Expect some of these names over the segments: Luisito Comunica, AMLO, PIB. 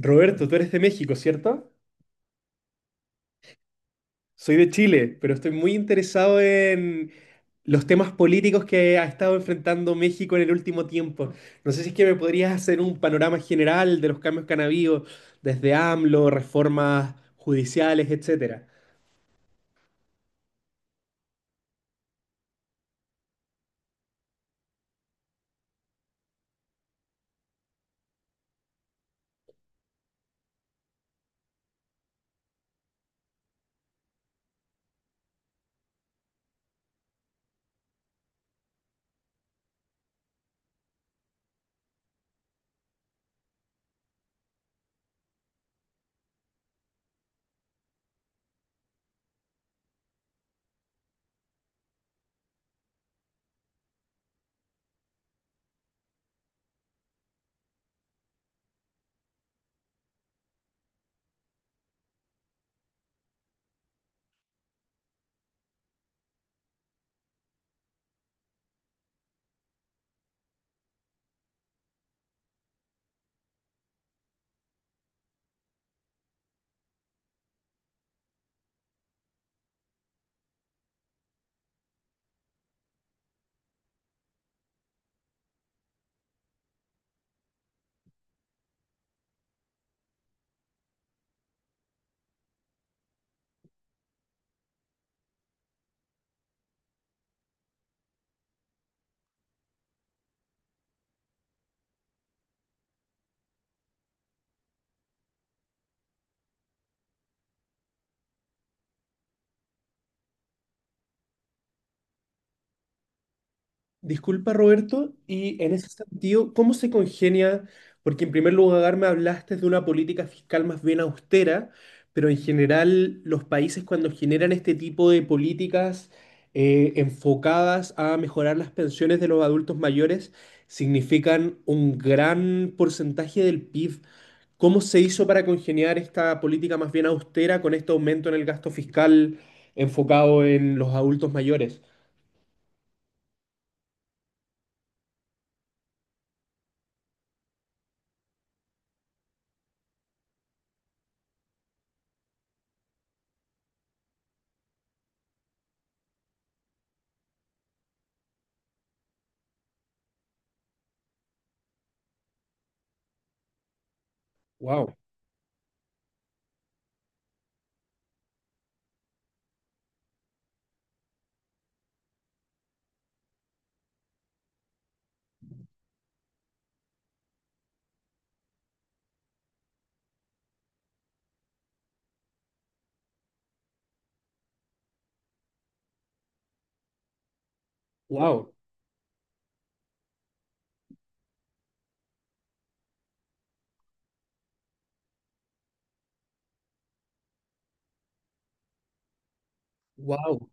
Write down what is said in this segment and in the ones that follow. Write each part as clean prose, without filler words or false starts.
Roberto, tú eres de México, ¿cierto? Soy de Chile, pero estoy muy interesado en los temas políticos que ha estado enfrentando México en el último tiempo. No sé si es que me podrías hacer un panorama general de los cambios que han habido desde AMLO, reformas judiciales, etcétera. Disculpa, Roberto, y en ese sentido, ¿cómo se congenia? Porque en primer lugar me hablaste de una política fiscal más bien austera, pero en general los países cuando generan este tipo de políticas enfocadas a mejorar las pensiones de los adultos mayores significan un gran porcentaje del PIB. ¿Cómo se hizo para congeniar esta política más bien austera con este aumento en el gasto fiscal enfocado en los adultos mayores? Wow, wow, wow.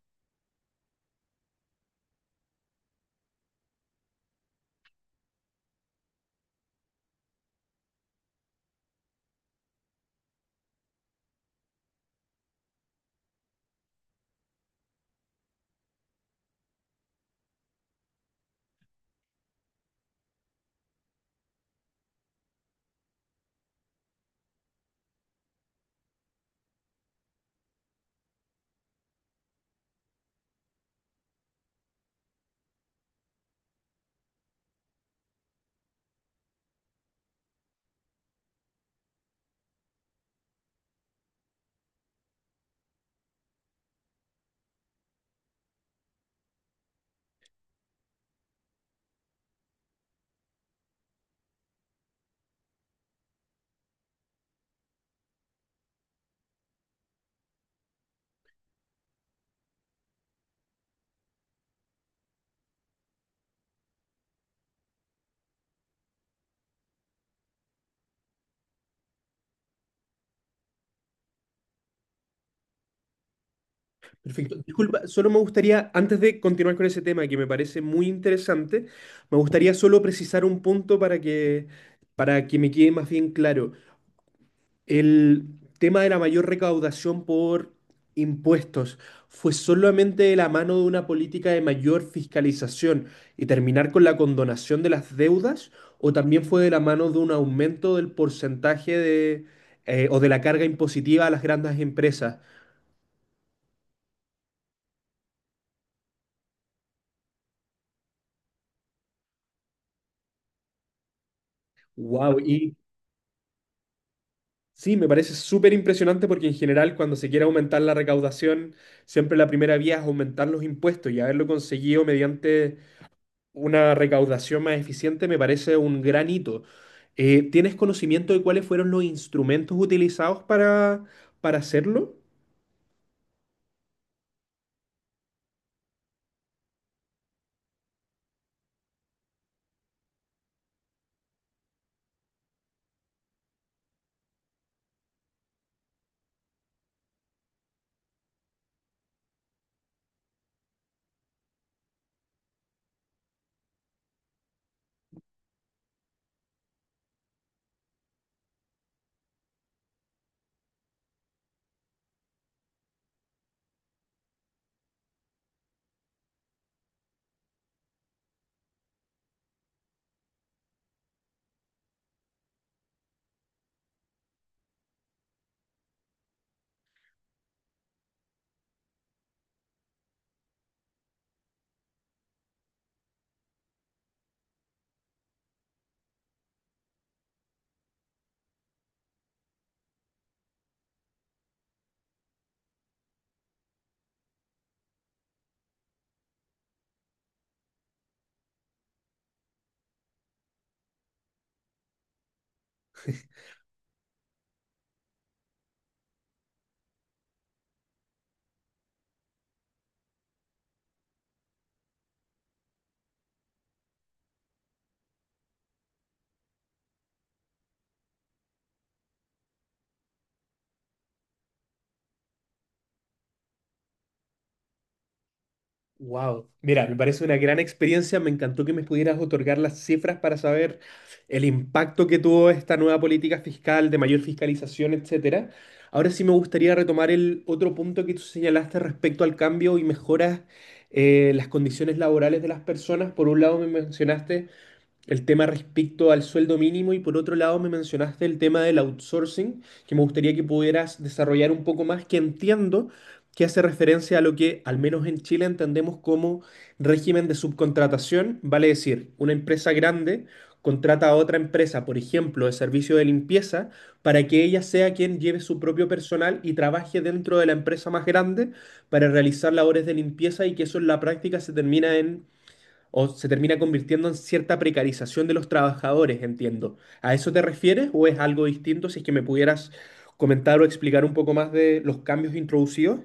Perfecto. Disculpa, solo me gustaría, antes de continuar con ese tema que me parece muy interesante, me gustaría solo precisar un punto para que me quede más bien claro. El tema de la mayor recaudación por impuestos fue solamente de la mano de una política de mayor fiscalización y terminar con la condonación de las deudas, o también fue de la mano de un aumento del porcentaje o de la carga impositiva a las grandes empresas. Wow, sí, me parece súper impresionante porque en general cuando se quiere aumentar la recaudación, siempre la primera vía es aumentar los impuestos y haberlo conseguido mediante una recaudación más eficiente me parece un gran hito. ¿Tienes conocimiento de cuáles fueron los instrumentos utilizados para hacerlo? Wow, mira, me parece una gran experiencia. Me encantó que me pudieras otorgar las cifras para saber el impacto que tuvo esta nueva política fiscal de mayor fiscalización, etcétera. Ahora sí me gustaría retomar el otro punto que tú señalaste respecto al cambio y mejoras las condiciones laborales de las personas. Por un lado me mencionaste el tema respecto al sueldo mínimo y por otro lado me mencionaste el tema del outsourcing, que me gustaría que pudieras desarrollar un poco más, que entiendo que hace referencia a lo que al menos en Chile entendemos como régimen de subcontratación, vale decir, una empresa grande contrata a otra empresa, por ejemplo, de servicio de limpieza, para que ella sea quien lleve su propio personal y trabaje dentro de la empresa más grande para realizar labores de limpieza y que eso en la práctica se termina en o se termina convirtiendo en cierta precarización de los trabajadores, entiendo. ¿A eso te refieres o es algo distinto? Si es que me pudieras comentar o explicar un poco más de los cambios introducidos.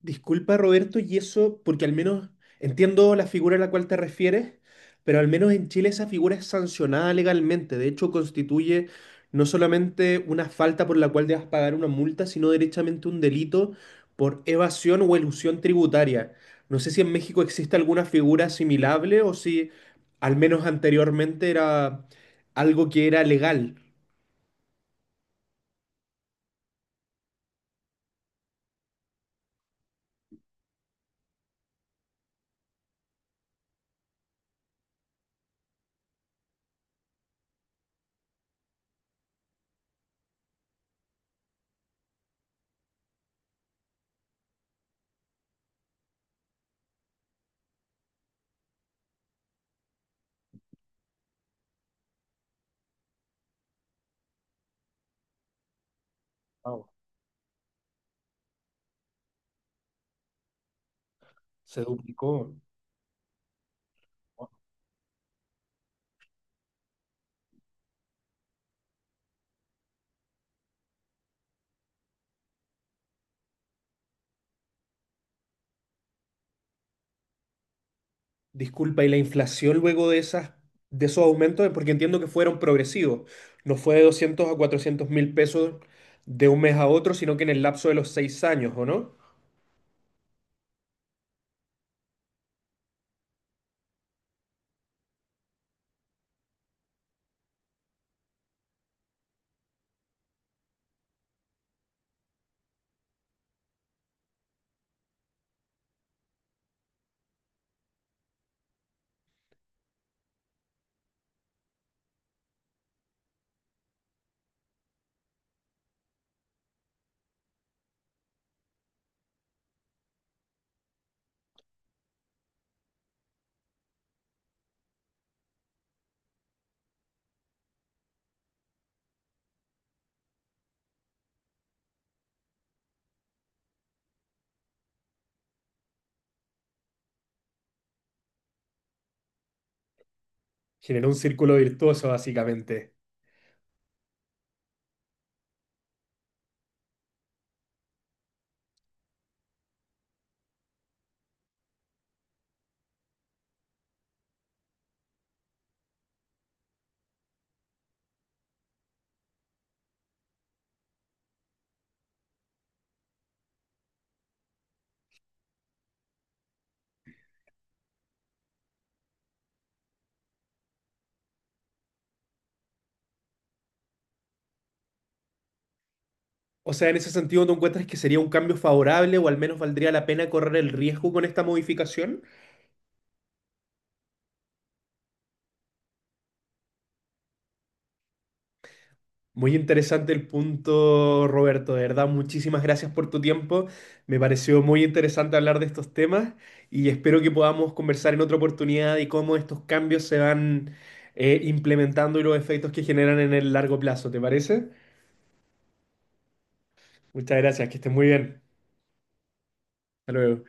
Disculpa, Roberto, y eso, porque al menos entiendo la figura a la cual te refieres, pero al menos en Chile esa figura es sancionada legalmente. De hecho, constituye no solamente una falta por la cual debas pagar una multa, sino derechamente un delito por evasión o elusión tributaria. No sé si en México existe alguna figura asimilable o si al menos anteriormente era algo que era legal. Wow, se duplicó. Disculpa, y la inflación luego de esas, de esos aumentos, porque entiendo que fueron progresivos, no fue de 200 a 400.000 pesos de un mes a otro, sino que en el lapso de los 6 años, ¿o no? Generó un círculo virtuoso, básicamente. O sea, en ese sentido, ¿tú encuentras que sería un cambio favorable o al menos valdría la pena correr el riesgo con esta modificación? Muy interesante el punto, Roberto. De verdad, muchísimas gracias por tu tiempo. Me pareció muy interesante hablar de estos temas y espero que podamos conversar en otra oportunidad y cómo estos cambios se van implementando y los efectos que generan en el largo plazo. ¿Te parece? Muchas gracias, que estés muy bien. Hasta luego.